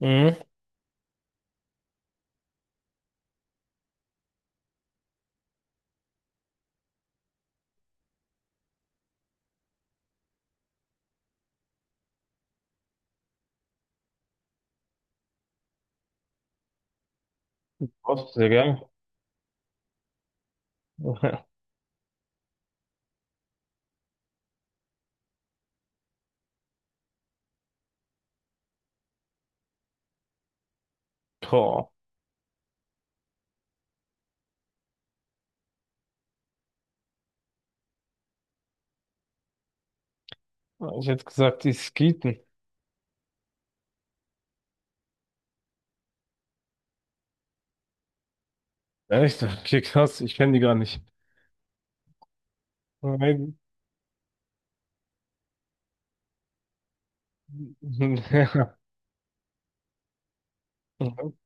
Mhm. Auch sehr gern. Boah, ich hätte gesagt, die Skeeten. Echt? Okay, krass, ich kenne die gar nicht. Nein. Ja.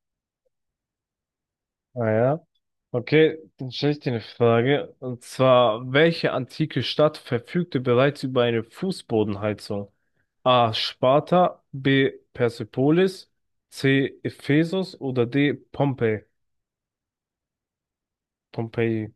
Naja. Okay, dann stelle ich dir eine Frage. Und zwar, welche antike Stadt verfügte bereits über eine Fußbodenheizung? A. Sparta, B. Persepolis, C. Ephesus oder D. Pompeii? Pompeii.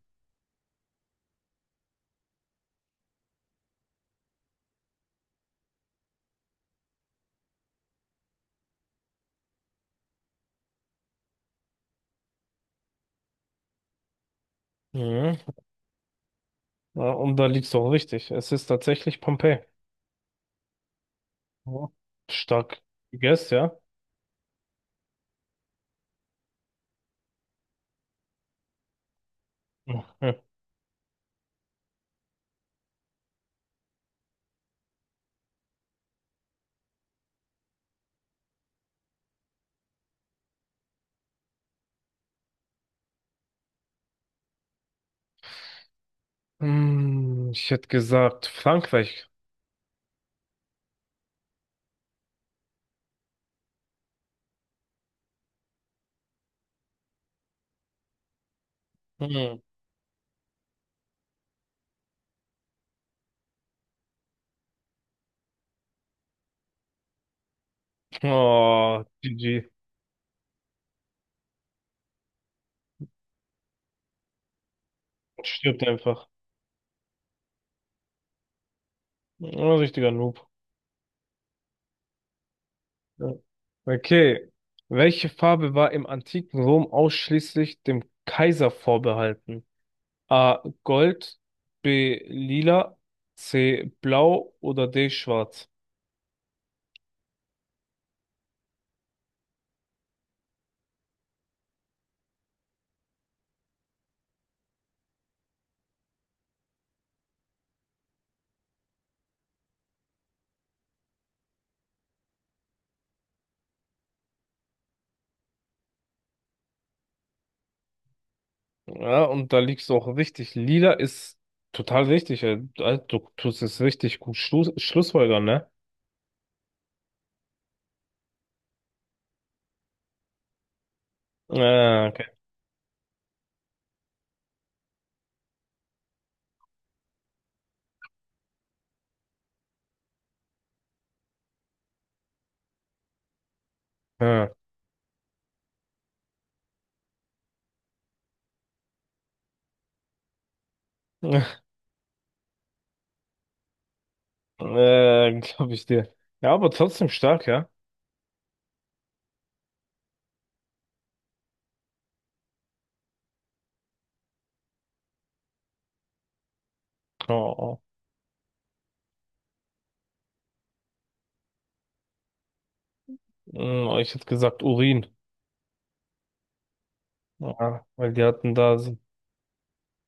Mhm. Ja, und da liegst du auch richtig. Es ist tatsächlich Pompeii. Ja. Stark gegessen, ja? Mhm. Hm, ich hätte gesagt, Frankreich. Mhm. Oh, GG. Stirbt einfach. Ein richtiger Noob. Ja. Okay. Welche Farbe war im antiken Rom ausschließlich dem Kaiser vorbehalten? A. Gold, B. Lila, C. Blau oder D. Schwarz? Ja, und da liegst du auch richtig. Lila ist total richtig. Also, du tust es richtig gut Schluss, schlussfolgern, ne? Okay. Ja. Glaube ich dir. Ja, aber trotzdem stark, ja. Oh, oh. Hm, ich hätte gesagt Urin. Ja, weil die hatten da.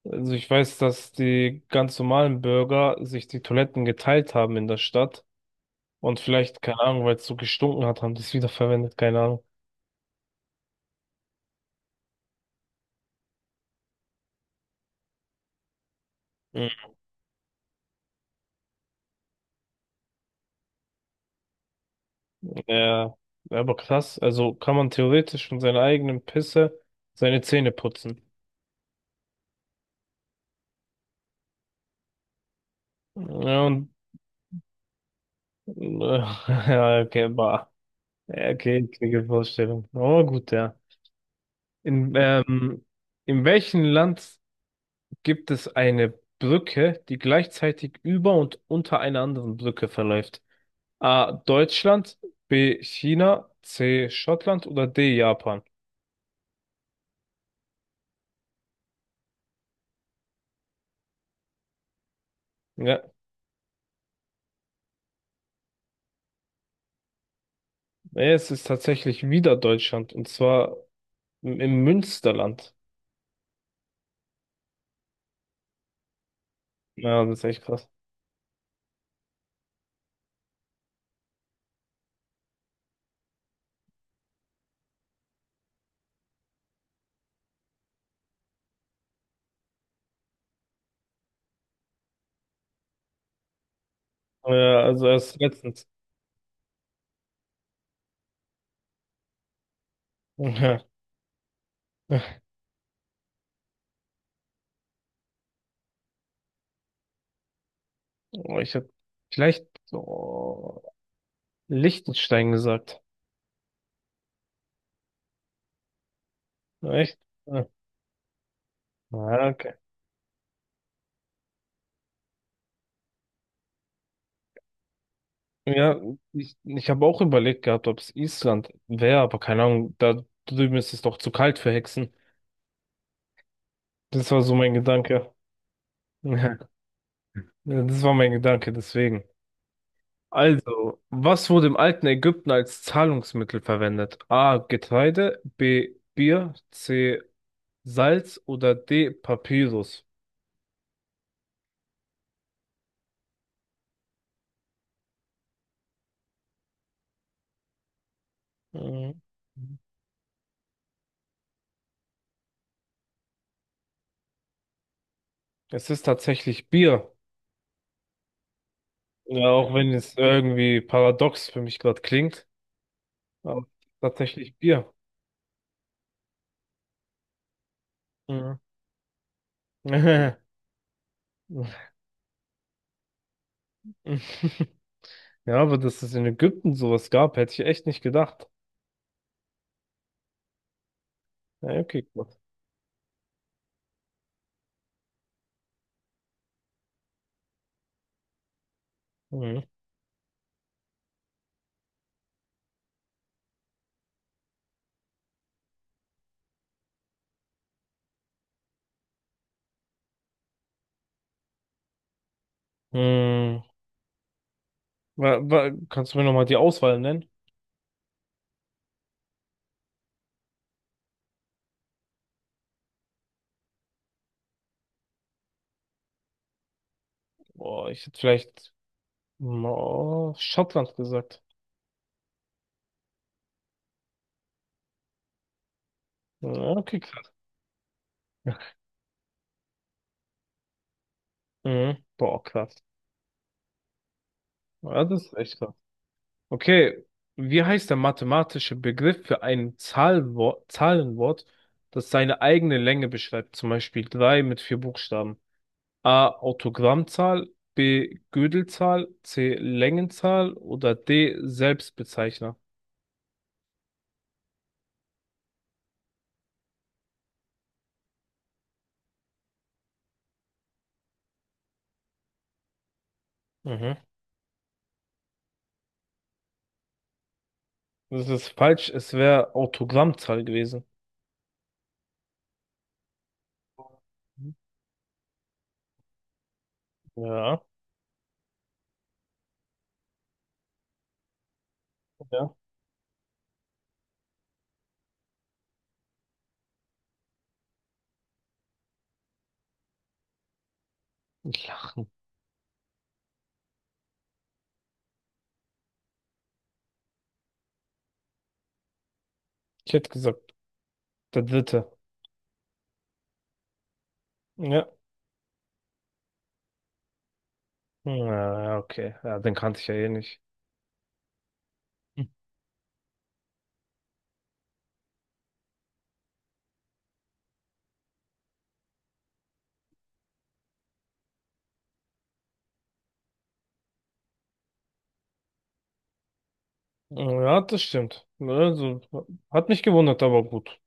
Also ich weiß, dass die ganz normalen Bürger sich die Toiletten geteilt haben in der Stadt. Und vielleicht, keine Ahnung, weil es so gestunken hat, haben die es wiederverwendet, keine Ahnung. Ja, aber krass, also kann man theoretisch von seiner eigenen Pisse seine Zähne putzen. Ja, und, ja, okay, bah. Ja, okay, kriege Vorstellung. Oh, gut, ja. In, ähm, in welchem Land gibt es eine Brücke, die gleichzeitig über und unter einer anderen Brücke verläuft? A. Deutschland, B. China, C. Schottland oder D. Japan? Ja, es ist tatsächlich wieder Deutschland, und zwar im Münsterland. Ja, das ist echt krass. Ja, also erst letztens. Ja. Oh, ich hätte vielleicht oh, Liechtenstein gesagt. Echt? Ja, ja, okay. Ja, ich habe auch überlegt gehabt, ob es Island wäre, aber keine Ahnung, da drüben ist es doch zu kalt für Hexen. Das war so mein Gedanke. Ja, das war mein Gedanke, deswegen. Also, was wurde im alten Ägypten als Zahlungsmittel verwendet? A. Getreide, B. Bier, C. Salz oder D. Papyrus? Mhm. Es ist tatsächlich Bier. Ja, auch wenn es irgendwie paradox für mich gerade klingt, aber tatsächlich Bier. Mhm. Ja, aber dass es in Ägypten sowas gab, hätte ich echt nicht gedacht. Ja, okay, gut. Mhm. Mhm. Kannst du mir nochmal die Auswahl nennen? Boah, ich hätte vielleicht oh, Schottland gesagt. Ja, okay, krass. Mhm. Boah, krass. Ja, das ist echt krass. Okay, wie heißt der mathematische Begriff für ein Zahlwort, Zahlenwort, das seine eigene Länge beschreibt? Zum Beispiel 3 mit vier Buchstaben. A. Autogrammzahl, B. Gödelzahl, C. Längenzahl oder D. Selbstbezeichner. Mhm. Das ist falsch, es wäre Autogrammzahl gewesen. Ja, ja. Ich ich hätte gesagt, der dritte. Ja. Ja, okay. Ja, den kannte ich ja eh nicht. Ja, das stimmt. Ne, also, hat mich gewundert, aber gut.